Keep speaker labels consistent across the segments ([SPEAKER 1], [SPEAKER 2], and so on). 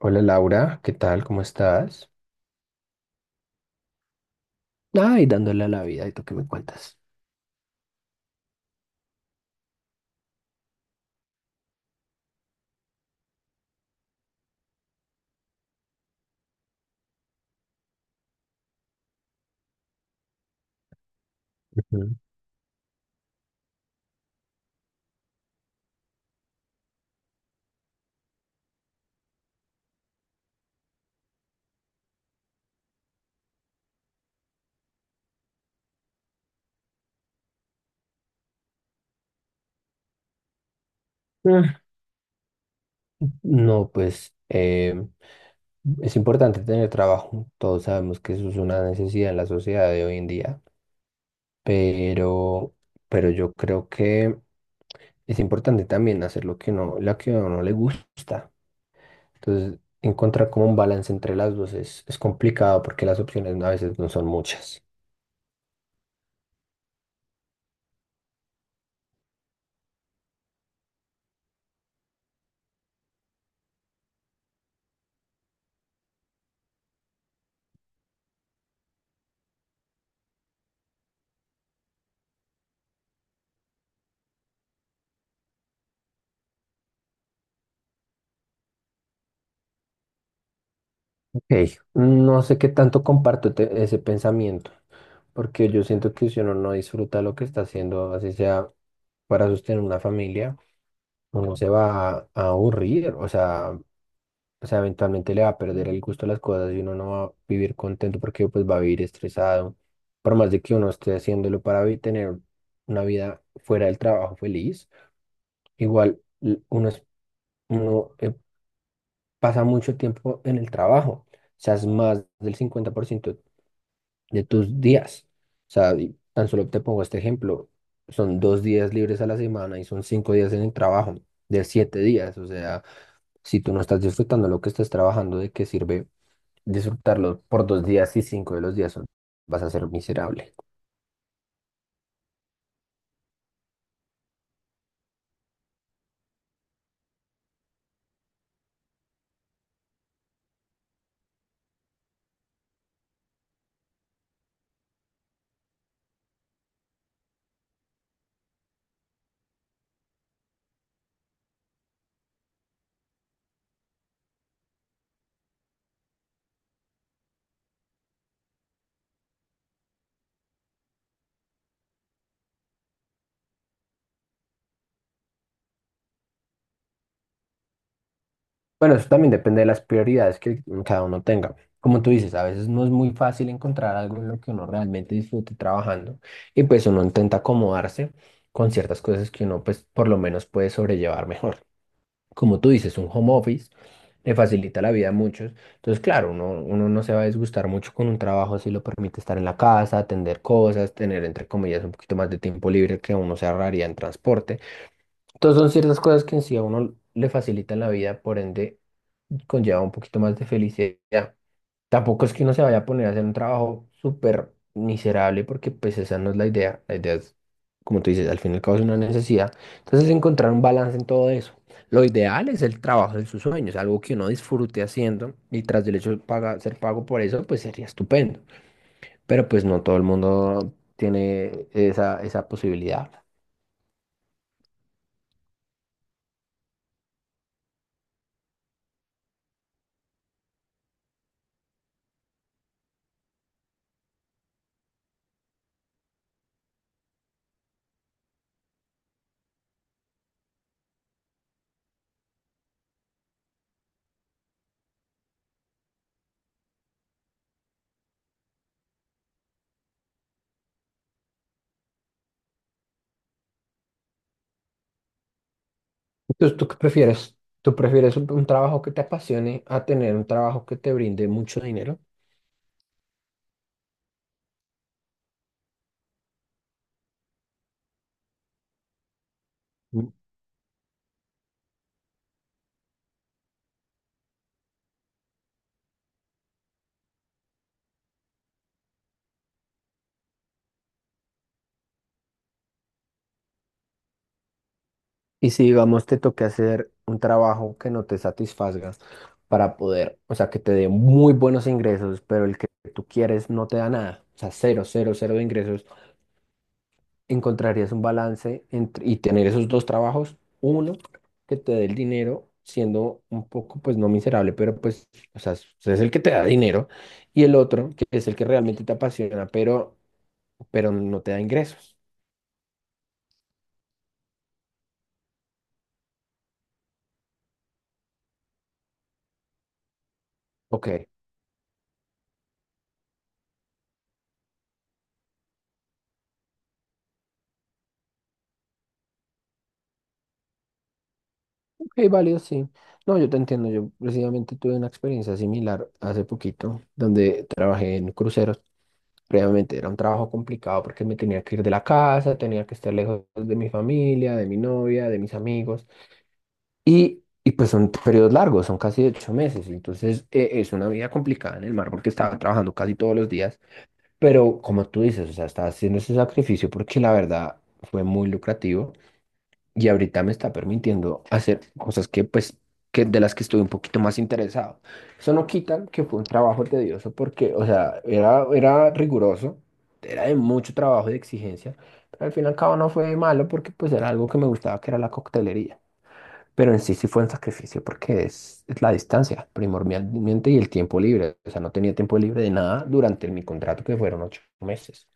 [SPEAKER 1] Hola Laura, ¿qué tal? ¿Cómo estás? Ay, dándole a la vida, ¿y tú qué me cuentas? Ujú. Ah. No, pues es importante tener trabajo. Todos sabemos que eso es una necesidad en la sociedad de hoy en día, pero, pero yo creo que es importante también hacer lo que no, la que a uno le gusta. Entonces, encontrar como un balance entre las dos es complicado porque las opciones a veces no son muchas. Ok, no sé qué tanto comparto ese pensamiento porque yo siento que si uno no disfruta lo que está haciendo, así sea para sostener una familia, uno se va a aburrir, o sea, eventualmente le va a perder el gusto a las cosas y uno no va a vivir contento porque pues va a vivir estresado, por más de que uno esté haciéndolo para tener una vida fuera del trabajo feliz, igual uno pasa mucho tiempo en el trabajo, o sea, es más del 50% de tus días. O sea, y tan solo te pongo este ejemplo. Son 2 días libres a la semana y son 5 días en el trabajo, de 7 días. O sea, si tú no estás disfrutando lo que estás trabajando, ¿de qué sirve disfrutarlo por 2 días y 5 de los días? Vas a ser miserable. Bueno, eso también depende de las prioridades que cada uno tenga. Como tú dices, a veces no es muy fácil encontrar algo en lo que uno realmente disfrute trabajando y pues uno intenta acomodarse con ciertas cosas que uno pues por lo menos puede sobrellevar mejor. Como tú dices, un home office le facilita la vida a muchos. Entonces, claro, uno no se va a disgustar mucho con un trabajo si lo permite estar en la casa, atender cosas, tener, entre comillas, un poquito más de tiempo libre que uno se ahorraría en transporte. Entonces, son ciertas cosas que en sí a uno le facilitan la vida, por ende, conlleva un poquito más de felicidad. Tampoco es que uno se vaya a poner a hacer un trabajo súper miserable porque pues esa no es la idea. La idea es, como tú dices, al fin y al cabo es una necesidad. Entonces encontrar un balance en todo eso. Lo ideal es el trabajo de sus sueños, algo que uno disfrute haciendo y tras del hecho de ser pago por eso, pues sería estupendo. Pero pues no todo el mundo tiene esa posibilidad. Entonces, ¿tú qué prefieres? ¿Tú prefieres un trabajo que te apasione a tener un trabajo que te brinde mucho dinero? Y si, digamos, te toque hacer un trabajo que no te satisfaga para poder, o sea, que te dé muy buenos ingresos, pero el que tú quieres no te da nada, o sea, cero, cero, cero de ingresos, ¿encontrarías un balance entre, y tener esos dos trabajos? Uno, que te dé el dinero siendo un poco, pues no miserable, pero pues, o sea, es el que te da dinero, y el otro, que es el que realmente te apasiona, pero no te da ingresos. Ok. Sí, válido, sí. No, yo te entiendo. Yo precisamente tuve una experiencia similar hace poquito, donde trabajé en cruceros. Previamente era un trabajo complicado porque me tenía que ir de la casa, tenía que estar lejos de mi familia, de mi novia, de mis amigos. Y pues son periodos largos, son casi 8 meses. Entonces es una vida complicada en el mar porque estaba trabajando casi todos los días. Pero como tú dices, o sea, estaba haciendo ese sacrificio porque la verdad fue muy lucrativo y ahorita me está permitiendo hacer cosas que pues que de las que estuve un poquito más interesado. Eso no quita que fue un trabajo tedioso porque, o sea, era riguroso, era de mucho trabajo y de exigencia, pero al fin y al cabo no fue malo porque pues era algo que me gustaba, que era la coctelería. Pero en sí sí fue un sacrificio porque es la distancia primordialmente y el tiempo libre. O sea, no tenía tiempo libre de nada durante mi contrato que fueron 8 meses.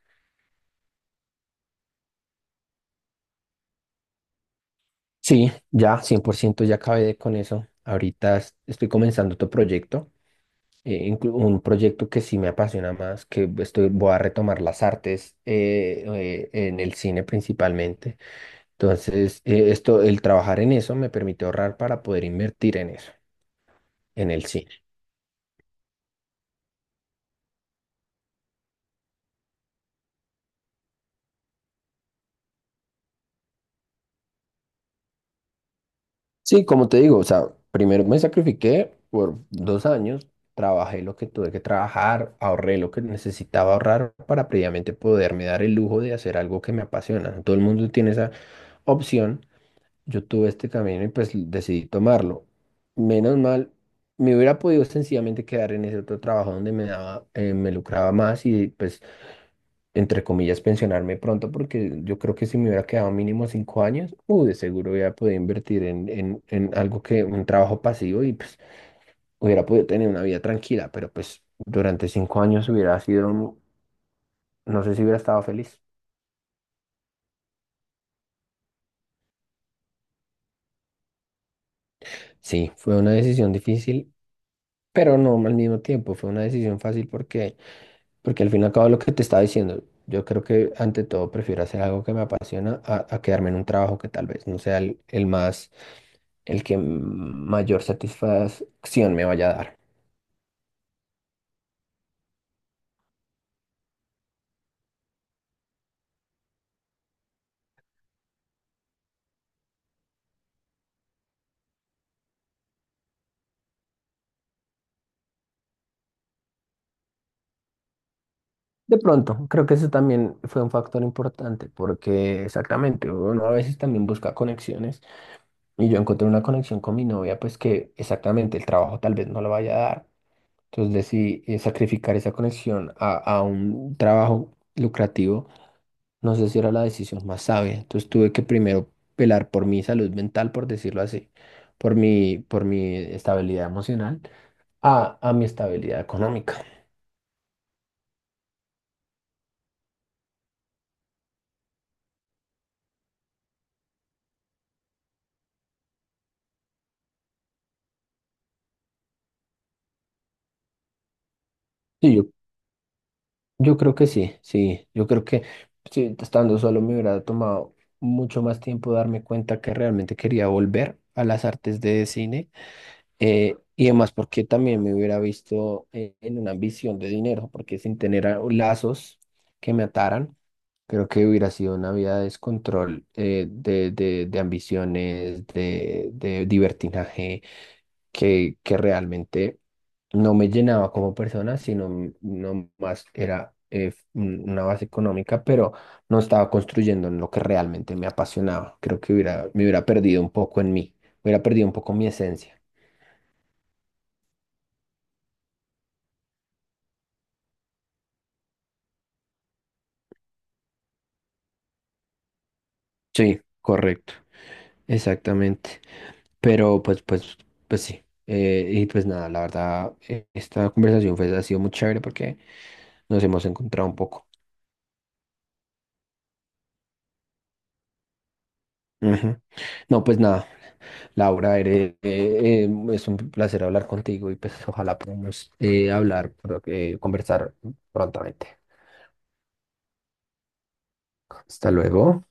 [SPEAKER 1] Sí, ya, 100% ya acabé con eso. Ahorita estoy comenzando otro proyecto, un proyecto que sí me apasiona más, que estoy, voy a retomar las artes en el cine principalmente. Entonces, esto, el trabajar en eso me permite ahorrar para poder invertir en eso, en el cine. Sí, como te digo, o sea, primero me sacrifiqué por 2 años, trabajé lo que tuve que trabajar, ahorré lo que necesitaba ahorrar para previamente poderme dar el lujo de hacer algo que me apasiona. Todo el mundo tiene esa opción. Yo tuve este camino y pues decidí tomarlo. Menos mal, me hubiera podido sencillamente quedar en ese otro trabajo donde me daba, me lucraba más y pues entre comillas, pensionarme pronto, porque yo creo que si me hubiera quedado mínimo 5 años, de seguro hubiera podido invertir en algo que, un trabajo pasivo y pues hubiera podido tener una vida tranquila, pero pues durante 5 años hubiera sido, no sé si hubiera estado feliz. Sí, fue una decisión difícil, pero no al mismo tiempo, fue una decisión fácil porque al fin y al cabo lo que te estaba diciendo, yo creo que ante todo prefiero hacer algo que me apasiona a quedarme en un trabajo que tal vez no sea el más, el que mayor satisfacción me vaya a dar. De pronto, creo que eso también fue un factor importante porque exactamente, uno a veces también busca conexiones y yo encontré una conexión con mi novia, pues que exactamente el trabajo tal vez no lo vaya a dar. Entonces decidí sacrificar esa conexión a un trabajo lucrativo. No sé si era la decisión más sabia. Entonces tuve que primero velar por mi salud mental, por decirlo así, por mi estabilidad emocional, a mi estabilidad económica. Sí, yo creo que sí, sí. Yo creo que sí, estando solo me hubiera tomado mucho más tiempo darme cuenta que realmente quería volver a las artes de cine. Y además porque también me hubiera visto en una ambición de dinero, porque sin tener lazos que me ataran, creo que hubiera sido una vida de descontrol, de ambiciones, de libertinaje, que realmente no me llenaba como persona, sino no más era una base económica, pero no estaba construyendo en lo que realmente me apasionaba. Creo que me hubiera perdido un poco en mí, hubiera perdido un poco mi esencia. Sí, correcto, exactamente. Pero pues sí. Y pues nada, la verdad, esta conversación ha sido muy chévere porque nos hemos encontrado un poco. Ujú. No, pues nada, Laura, es un placer hablar contigo y pues ojalá podamos hablar, conversar prontamente. Hasta luego.